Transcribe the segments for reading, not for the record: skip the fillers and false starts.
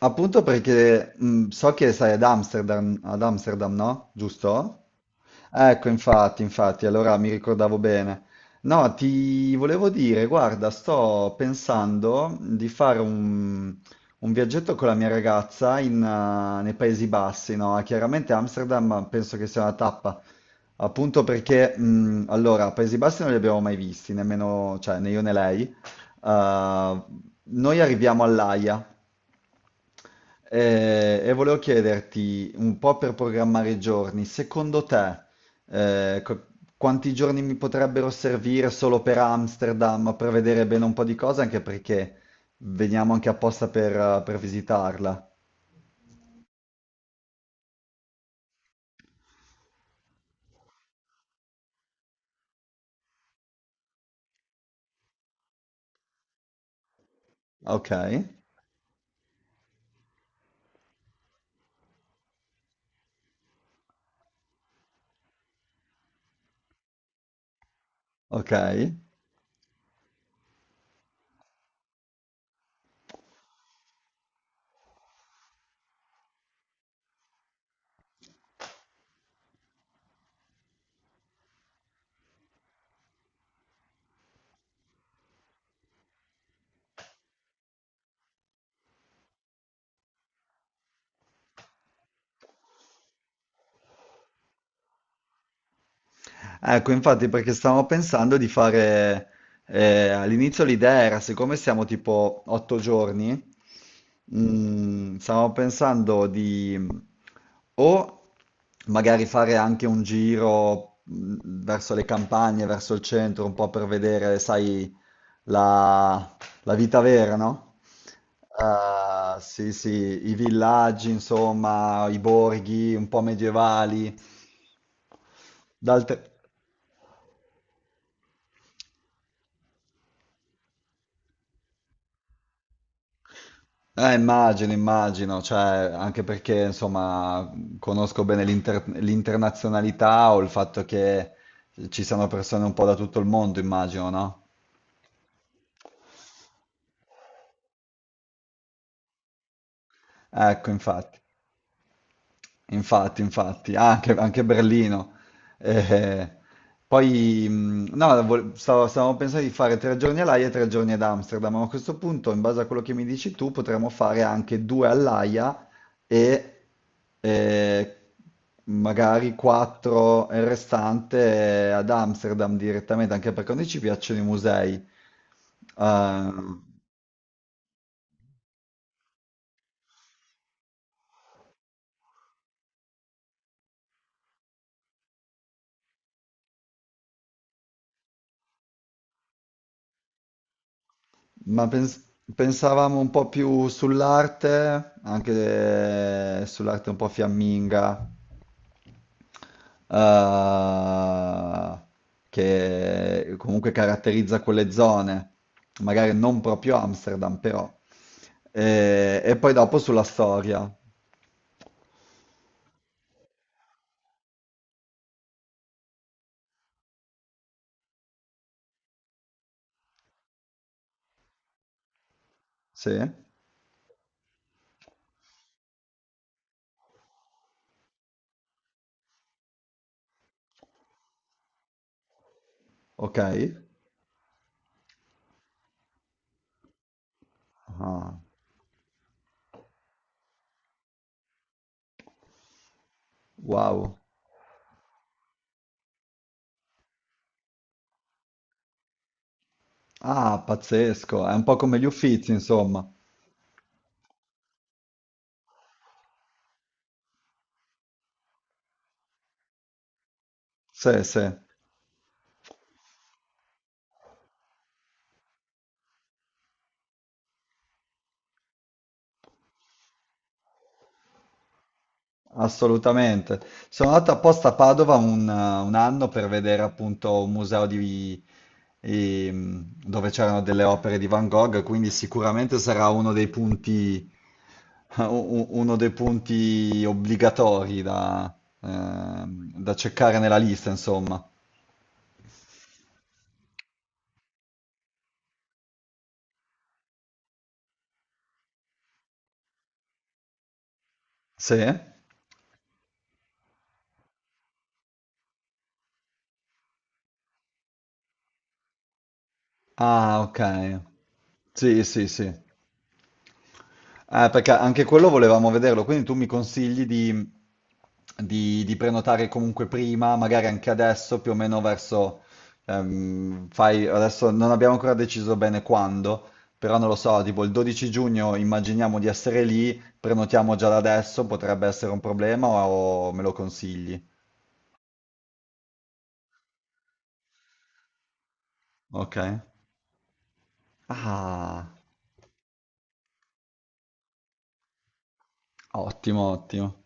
Appunto perché so che sei ad Amsterdam, no? Giusto? Ecco, infatti, allora mi ricordavo bene. No, ti volevo dire, guarda, sto pensando di fare un viaggetto con la mia ragazza nei Paesi Bassi, no? Chiaramente Amsterdam penso che sia una tappa, appunto perché, allora, Paesi Bassi non li abbiamo mai visti, nemmeno, cioè, né io né lei. Eh, Noi arriviamo all'Aia. E volevo chiederti un po' per programmare i giorni, secondo te, eh, co- quanti giorni mi potrebbero servire solo per Amsterdam per vedere bene un po' di cose, anche perché veniamo anche apposta per visitarla. Ok, ok. Ecco, infatti, perché stavamo pensando di fare, all'inizio l'idea era, siccome siamo tipo 8 giorni, stavamo pensando di o magari fare anche un giro verso le campagne, verso il centro, un po' per vedere, sai, la, la vita vera, no? Sì, sì, i villaggi, insomma, i borghi un po' medievali. D'altre Immagino, immagino, cioè, anche perché insomma conosco bene l'internazionalità o il fatto che ci siano persone un po' da tutto il mondo, immagino, no? Ecco, infatti. Infatti, ah, anche Berlino. Eh, Poi, no, stavamo pensando di fare 3 giorni all'Aia e 3 giorni ad Amsterdam, ma a questo punto, in base a quello che mi dici tu, potremmo fare anche due all'Aia e eh, magari quattro il restante ad Amsterdam direttamente, anche perché a noi ci piacciono i musei. ehm, Ma pensavamo un po' più sull'arte, anche sull'arte un po' fiamminga, eh, che comunque caratterizza quelle zone, magari non proprio Amsterdam, però. E poi dopo sulla storia. Sì, ok. Ah, wow. Ah, pazzesco, è un po' come gli Uffizi, insomma. Sì, sì. Assolutamente. Sono andato apposta a Padova un anno per vedere appunto un museo dove c'erano delle opere di Van Gogh, quindi sicuramente sarà uno dei punti, uno dei punti obbligatori da cercare nella lista, insomma. Sì? Ah, ok. Sì, sì, sì. Perché anche quello volevamo vederlo, quindi tu mi consigli di prenotare comunque prima, magari anche adesso, più o meno verso, fai, adesso non abbiamo ancora deciso bene quando, però non lo so, tipo il 12 giugno immaginiamo di essere lì, prenotiamo già da adesso, potrebbe essere un problema o me lo consigli? Ok. Ah, ottimo, ottimo.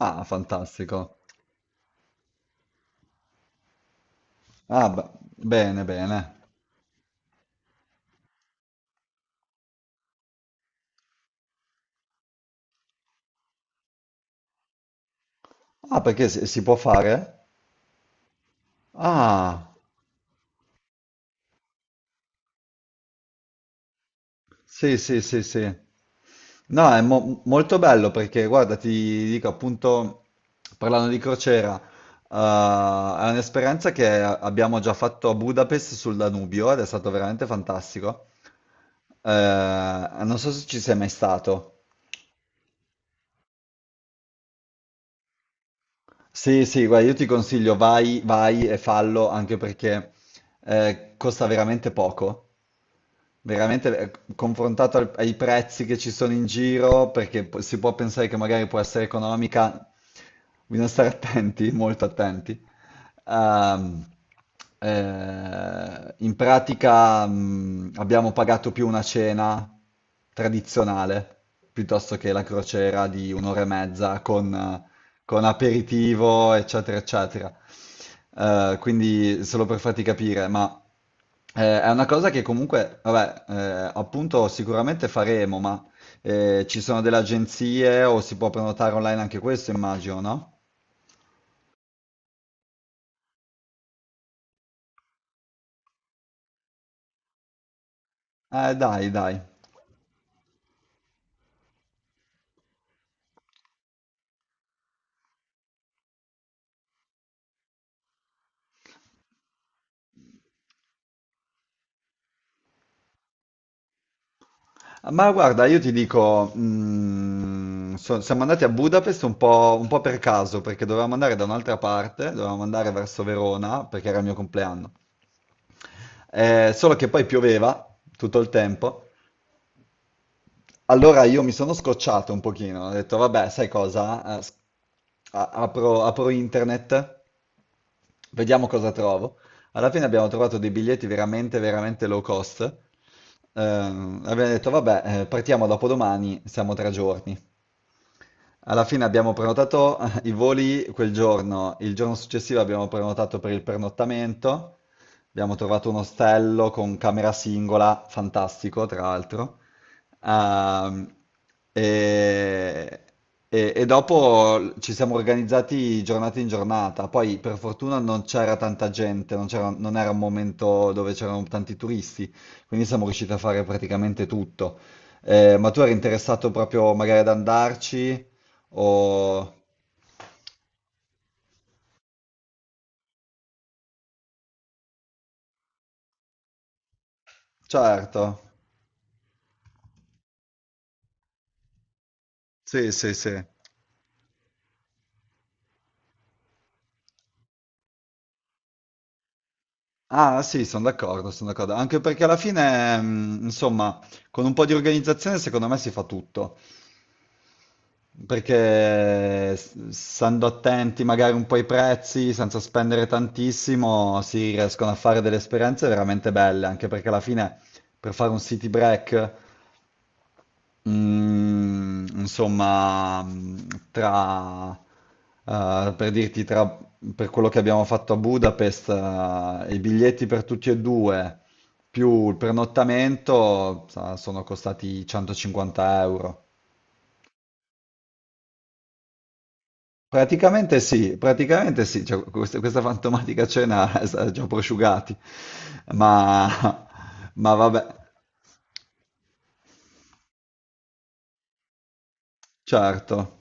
Ah, fantastico. Ah, beh, bene, bene. Ah, perché si può fare? Ah. Sì, sì, sì, sì. No, è molto bello perché, guarda, ti dico appunto, parlando di crociera, è un'esperienza che abbiamo già fatto a Budapest sul Danubio ed è stato veramente fantastico. Non so se ci sei mai stato. Sì, sì, guarda, io ti consiglio, vai, vai e fallo anche perché costa veramente poco. Veramente confrontato ai prezzi che ci sono in giro, perché si può pensare che magari può essere economica, bisogna stare attenti, molto attenti. Ehm, In pratica, abbiamo pagato più una cena tradizionale piuttosto che la crociera di un'ora e mezza con aperitivo, eccetera, eccetera. Quindi, solo per farti capire, ma. È una cosa che comunque, vabbè, appunto sicuramente faremo, ma ci sono delle agenzie o si può prenotare online anche questo, immagino, no? Dai, dai. Ma guarda, io ti dico, siamo andati a Budapest un po' per caso, perché dovevamo andare da un'altra parte, dovevamo andare verso Verona, perché era il mio compleanno. Solo che poi pioveva tutto il tempo. Allora io mi sono scocciato un pochino, ho detto vabbè, sai cosa? Apro internet, vediamo cosa trovo. Alla fine abbiamo trovato dei biglietti veramente, veramente low cost. Abbiamo detto vabbè, partiamo dopodomani, siamo 3 giorni. Alla fine abbiamo prenotato i voli quel giorno, il giorno successivo abbiamo prenotato per il pernottamento, abbiamo trovato un ostello con camera singola, fantastico tra l'altro. Ehm, e, e dopo ci siamo organizzati giornata in giornata, poi per fortuna non c'era tanta gente, non era un momento dove c'erano tanti turisti, quindi siamo riusciti a fare praticamente tutto. Ma tu eri interessato proprio magari ad andarci? O? Certo, sì, sì, sì. Ah, sì, sono d'accordo, sono d'accordo. Anche perché alla fine, insomma, con un po' di organizzazione secondo me si fa tutto. Perché stando attenti magari un po' ai prezzi, senza spendere tantissimo, si riescono a fare delle esperienze veramente belle. Anche perché alla fine, per fare un city break, insomma, tra, per dirti, tra, per quello che abbiamo fatto a Budapest, i biglietti per tutti e due, più il pernottamento, sono costati 150 euro. Praticamente sì, cioè, questa fantomatica cena è stata già prosciugati, ma, ma vabbè, certo.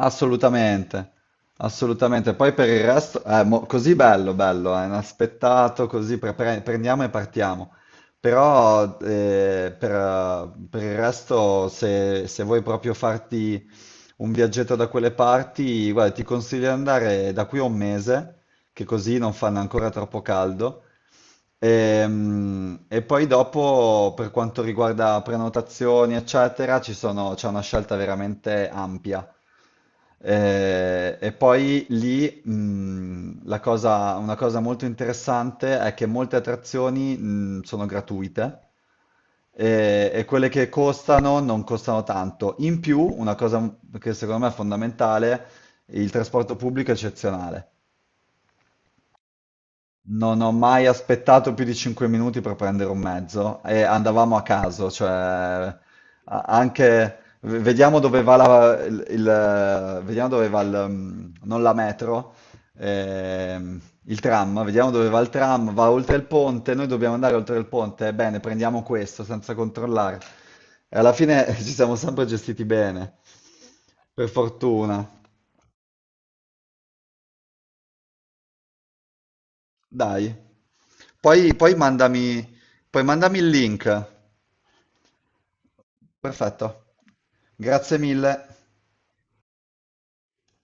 Assolutamente, assolutamente. Poi per il resto è così bello, bello, è inaspettato, così prendiamo e partiamo. Però per il resto, se vuoi proprio farti un viaggetto da quelle parti, guarda, ti consiglio di andare da qui a un mese, che così non fanno ancora troppo caldo. Ehm, E poi dopo, per quanto riguarda prenotazioni, eccetera, c'è una scelta veramente ampia. E poi lì, una cosa molto interessante è che molte attrazioni, sono gratuite e quelle che costano non costano tanto. In più, una cosa che secondo me è fondamentale, il trasporto pubblico è eccezionale. Non ho mai aspettato più di 5 minuti per prendere un mezzo e andavamo a caso, cioè vediamo dove va vediamo dove va il, non la metro, ehm, il tram, vediamo dove va il tram, va oltre il ponte, noi dobbiamo andare oltre il ponte, e bene, prendiamo questo senza controllare. E alla fine ci siamo sempre gestiti bene, per fortuna. Dai. Poi, mandami, poi mandami il link. Perfetto, grazie mille.